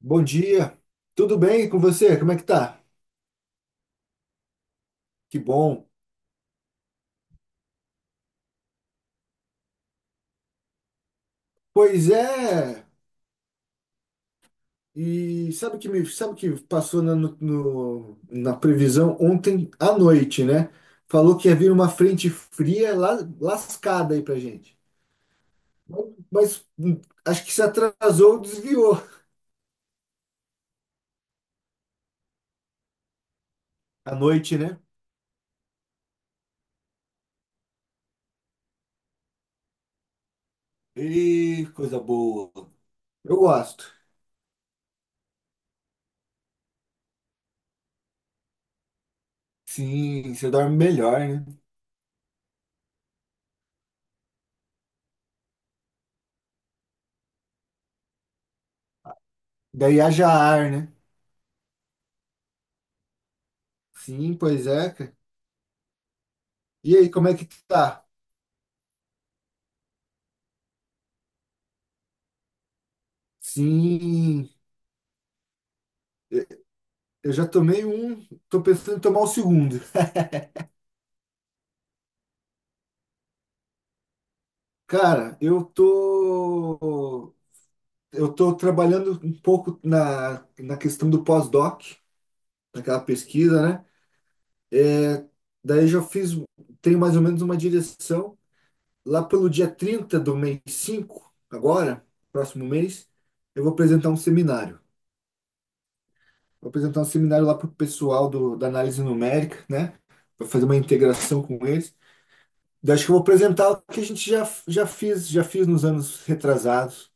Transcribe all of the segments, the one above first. Bom dia, tudo bem com você? Como é que tá? Que bom. Pois é, e sabe o que passou na, no- no- na previsão ontem à noite, né? Falou que ia vir uma frente fria lascada aí pra gente. Mas, acho que se atrasou, desviou à noite, né? E coisa boa. Eu gosto. Sim, você dorme melhor, né? Daí haja ar, né? Sim, pois é, cara. E aí, como é que tá? Sim. Eu já tomei um, tô pensando em tomar o segundo. Cara, eu tô trabalhando um pouco na questão do pós-doc, naquela pesquisa, né? Daí já fiz, tenho mais ou menos uma direção. Lá pelo dia 30 do mês 5, agora, próximo mês, eu vou apresentar um seminário. Vou apresentar um seminário lá pro pessoal da análise numérica, né? Vou fazer uma integração com eles. Daí acho que eu vou apresentar o que a gente já fiz nos anos retrasados.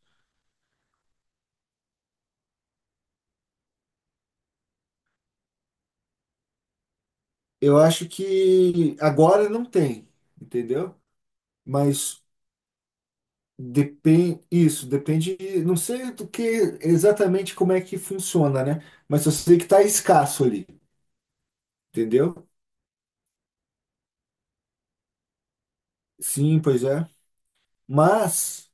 Eu acho que agora não tem, entendeu? Mas depende, isso, depende, não sei do que exatamente como é que funciona, né? Mas eu sei que tá escasso ali, entendeu? Sim, pois é. Mas,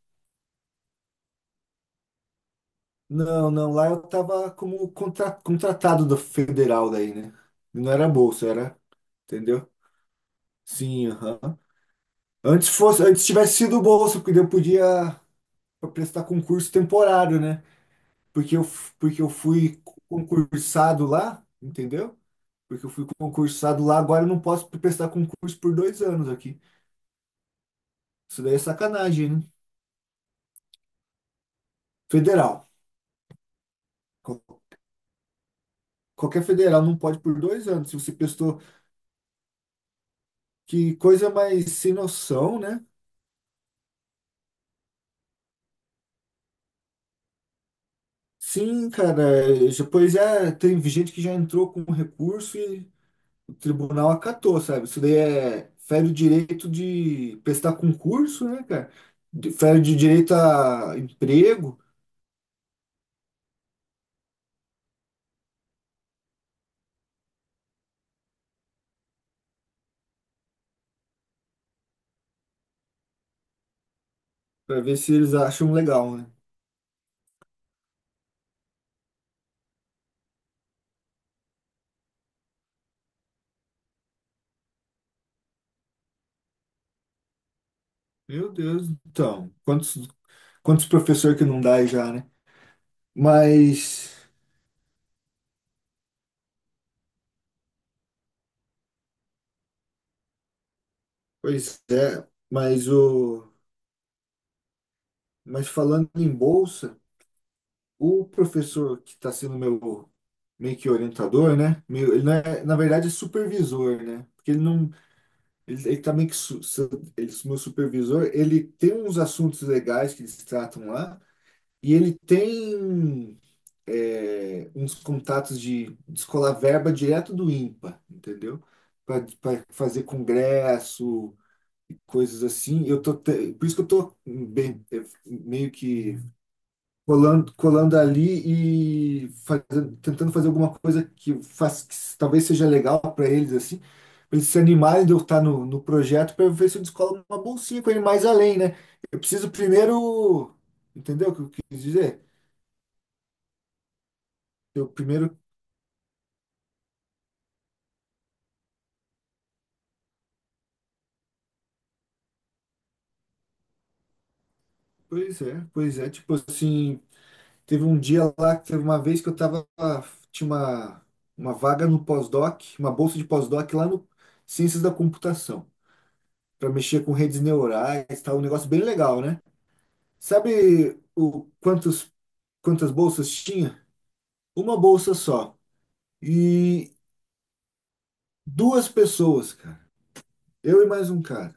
não, não, lá eu tava como contratado do federal daí, né? Não era bolsa, era, entendeu? Sim, aham. Antes fosse, antes tivesse sido bolsa, porque eu podia para prestar concurso temporário, né? Porque eu fui concursado lá, entendeu? Porque eu fui concursado lá, agora eu não posso prestar concurso por 2 anos aqui. Isso daí é sacanagem, né? Federal. Qual- Qualquer federal não pode por 2 anos. Se você prestou, que coisa mais sem noção, né? Sim, cara. Depois é, tem gente que já entrou com recurso e o tribunal acatou, sabe? Isso daí é, fere o direito de prestar concurso, né, cara? Fere de direito a emprego, para ver se eles acham legal, né? Meu Deus, então, quantos professor que não dá aí já, né? Mas, pois é, mas falando em bolsa, o professor que está sendo meu meio que orientador, né? Ele não é, na verdade é supervisor, né? Porque ele não. Ele também, que su- su- ele, meu supervisor, ele tem uns assuntos legais que eles tratam lá, e ele tem uns contatos de descolar verba direto do INPA, entendeu? Para fazer congresso e coisas assim. Por isso que eu tô bem, meio que colando ali e tentando fazer alguma coisa que talvez seja legal para eles, assim, para eles se animarem de eu estar no projeto para ver se eu descolo uma bolsinha com ele mais além, né? Eu preciso primeiro, entendeu o que eu quis dizer? Eu primeiro, pois é, tipo assim, teve um dia lá, que teve uma vez que eu tava, tinha uma vaga no pós-doc, uma bolsa de pós-doc lá no Ciências da Computação, para mexer com redes neurais, tá um negócio bem legal, né? Sabe quantas bolsas tinha? Uma bolsa só. E duas pessoas, cara. Eu e mais um cara.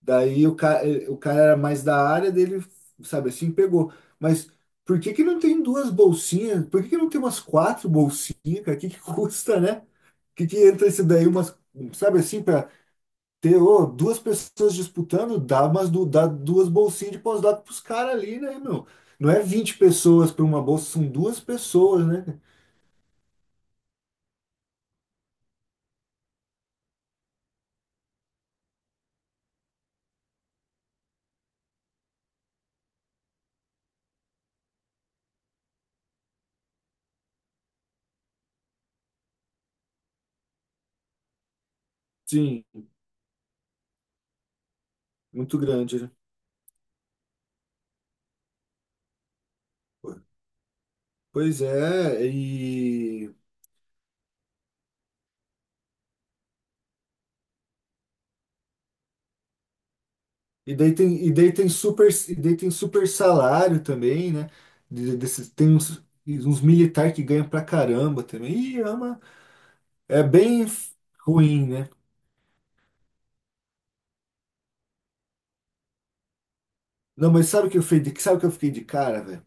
Daí o cara era mais da área dele, sabe assim, pegou. Mas por que que não tem duas bolsinhas? Por que que não tem umas quatro bolsinhas, cara? O que que custa, né? O que que entra esse daí, umas, sabe assim, para ter, ô, duas pessoas disputando, dá, mas dá duas bolsinhas de pós-doc pros caras ali, né, meu? Não é 20 pessoas para uma bolsa, são duas pessoas, né? Sim, muito grande, né? Pô, pois é, e e daí tem super salário também, né? Tem uns militares que ganham pra caramba também. Ih, é bem ruim, né? Não, mas sabe o que eu fiquei de cara, velho?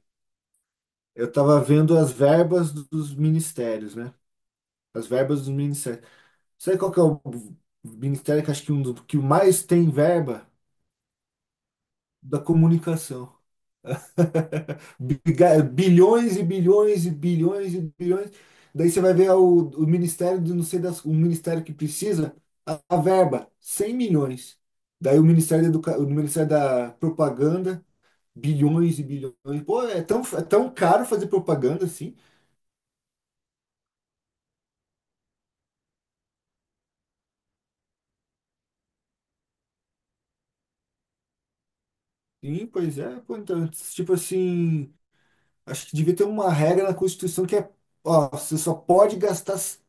Eu tava vendo as verbas dos ministérios, né? As verbas dos ministérios. Sabe qual que é o ministério que acho que, um do, que o mais tem verba? Da comunicação. Bilhões e bilhões e bilhões e bilhões. Daí você vai ver o ministério de não sei das, o ministério que precisa, a verba, 100 milhões. Daí o Ministério o Ministério da Propaganda, bilhões e bilhões. Pô, é tão caro fazer propaganda assim? Sim, pois é. Pô, então, tipo assim. Acho que devia ter uma regra na Constituição que é, ó, você só pode gastar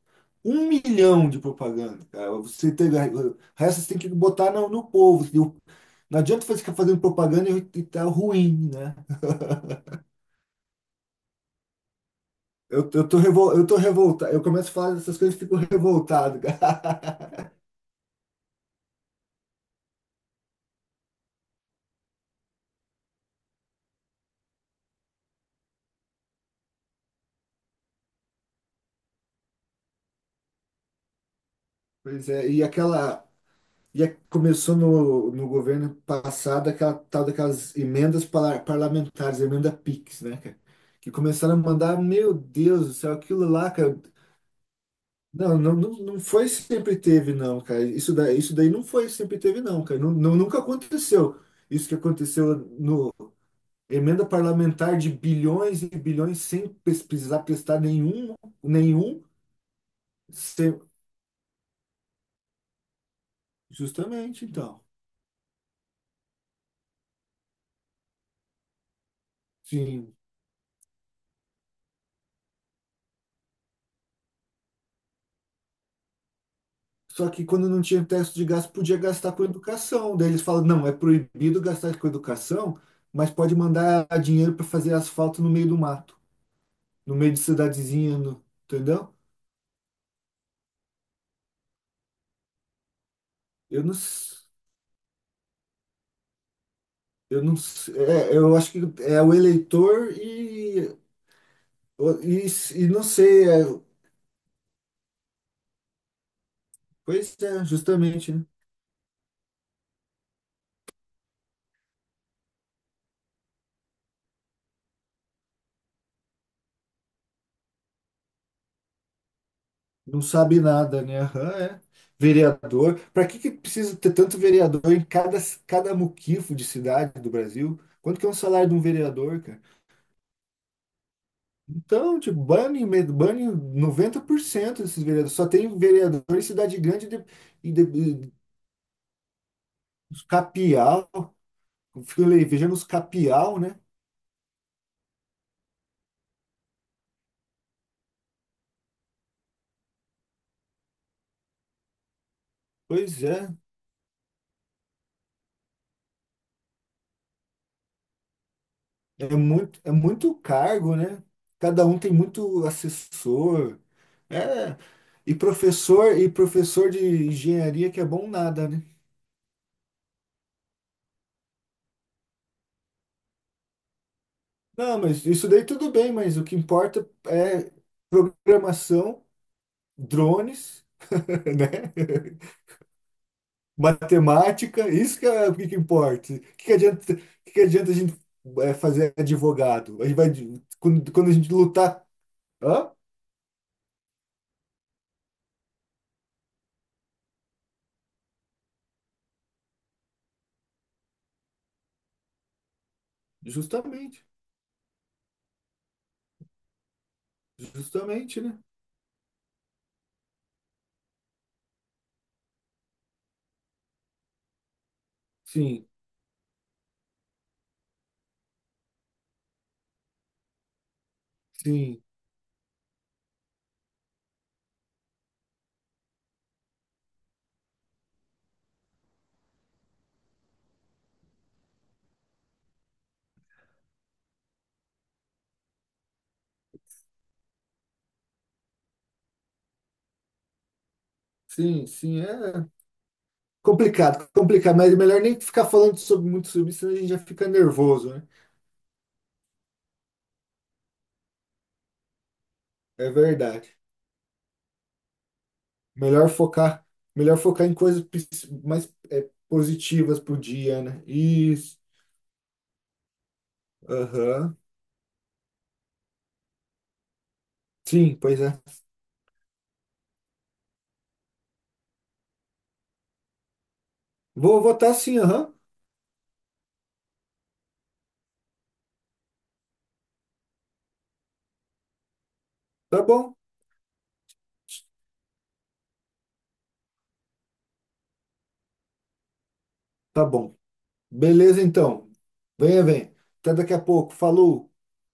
1 milhão de propaganda, cara. Você tem, o resto você tem que botar no povo, entendeu? Não adianta você ficar fazendo propaganda e tá ruim, né? Eu tô revoltado. Eu começo a falar dessas coisas e fico revoltado, cara. Pois é, e aquela. Começou no governo passado aquela tal daquelas emendas parlamentares, emenda PIX, né, cara? Que começaram a mandar, meu Deus do céu, aquilo lá, cara. Não, não, não, não foi sempre teve, não, cara. Isso daí não foi sempre teve, não, cara. Nunca aconteceu. Isso que aconteceu no emenda parlamentar de bilhões e bilhões sem precisar prestar nenhum, nenhum, sem- justamente, então. Sim. Só que quando não tinha teto de gasto, podia gastar com educação. Daí eles falam, não, é proibido gastar com educação, mas pode mandar dinheiro para fazer asfalto no meio do mato, no meio de cidadezinha, entendeu? Eu não. Eu não sei, é, eu acho que é o eleitor e, e não sei, pois é, justamente, né? Não sabe nada, né? Aham, é. Vereador. Para que que precisa ter tanto vereador em cada muquifo de cidade do Brasil? Quanto que é um salário de um vereador, cara? Então, tipo, bane 90% desses vereadores. Só tem vereador em cidade grande e os capial. Fico vejando os capial, né? Pois é. É muito cargo, né? Cada um tem muito assessor. É, e professor de engenharia que é bom nada, né? Não, mas isso daí tudo bem, mas o que importa é programação, drones, né? Matemática, isso que é o que que importa. O que que adianta a gente fazer advogado? A gente vai, quando a gente lutar. Hã? Justamente, justamente, né? Sim, sim. Sim, sim, é complicado, complicado, mas é melhor nem ficar falando sobre muito sobre isso, senão a gente já fica nervoso, né? É verdade. Melhor focar, melhor focar em coisas mais positivas pro dia, né? Isso. Aham. Sim, pois é. Vou votar sim, aham. Tá bom? Tá bom. Beleza, então. Venha, venha. Até daqui a pouco. Falou.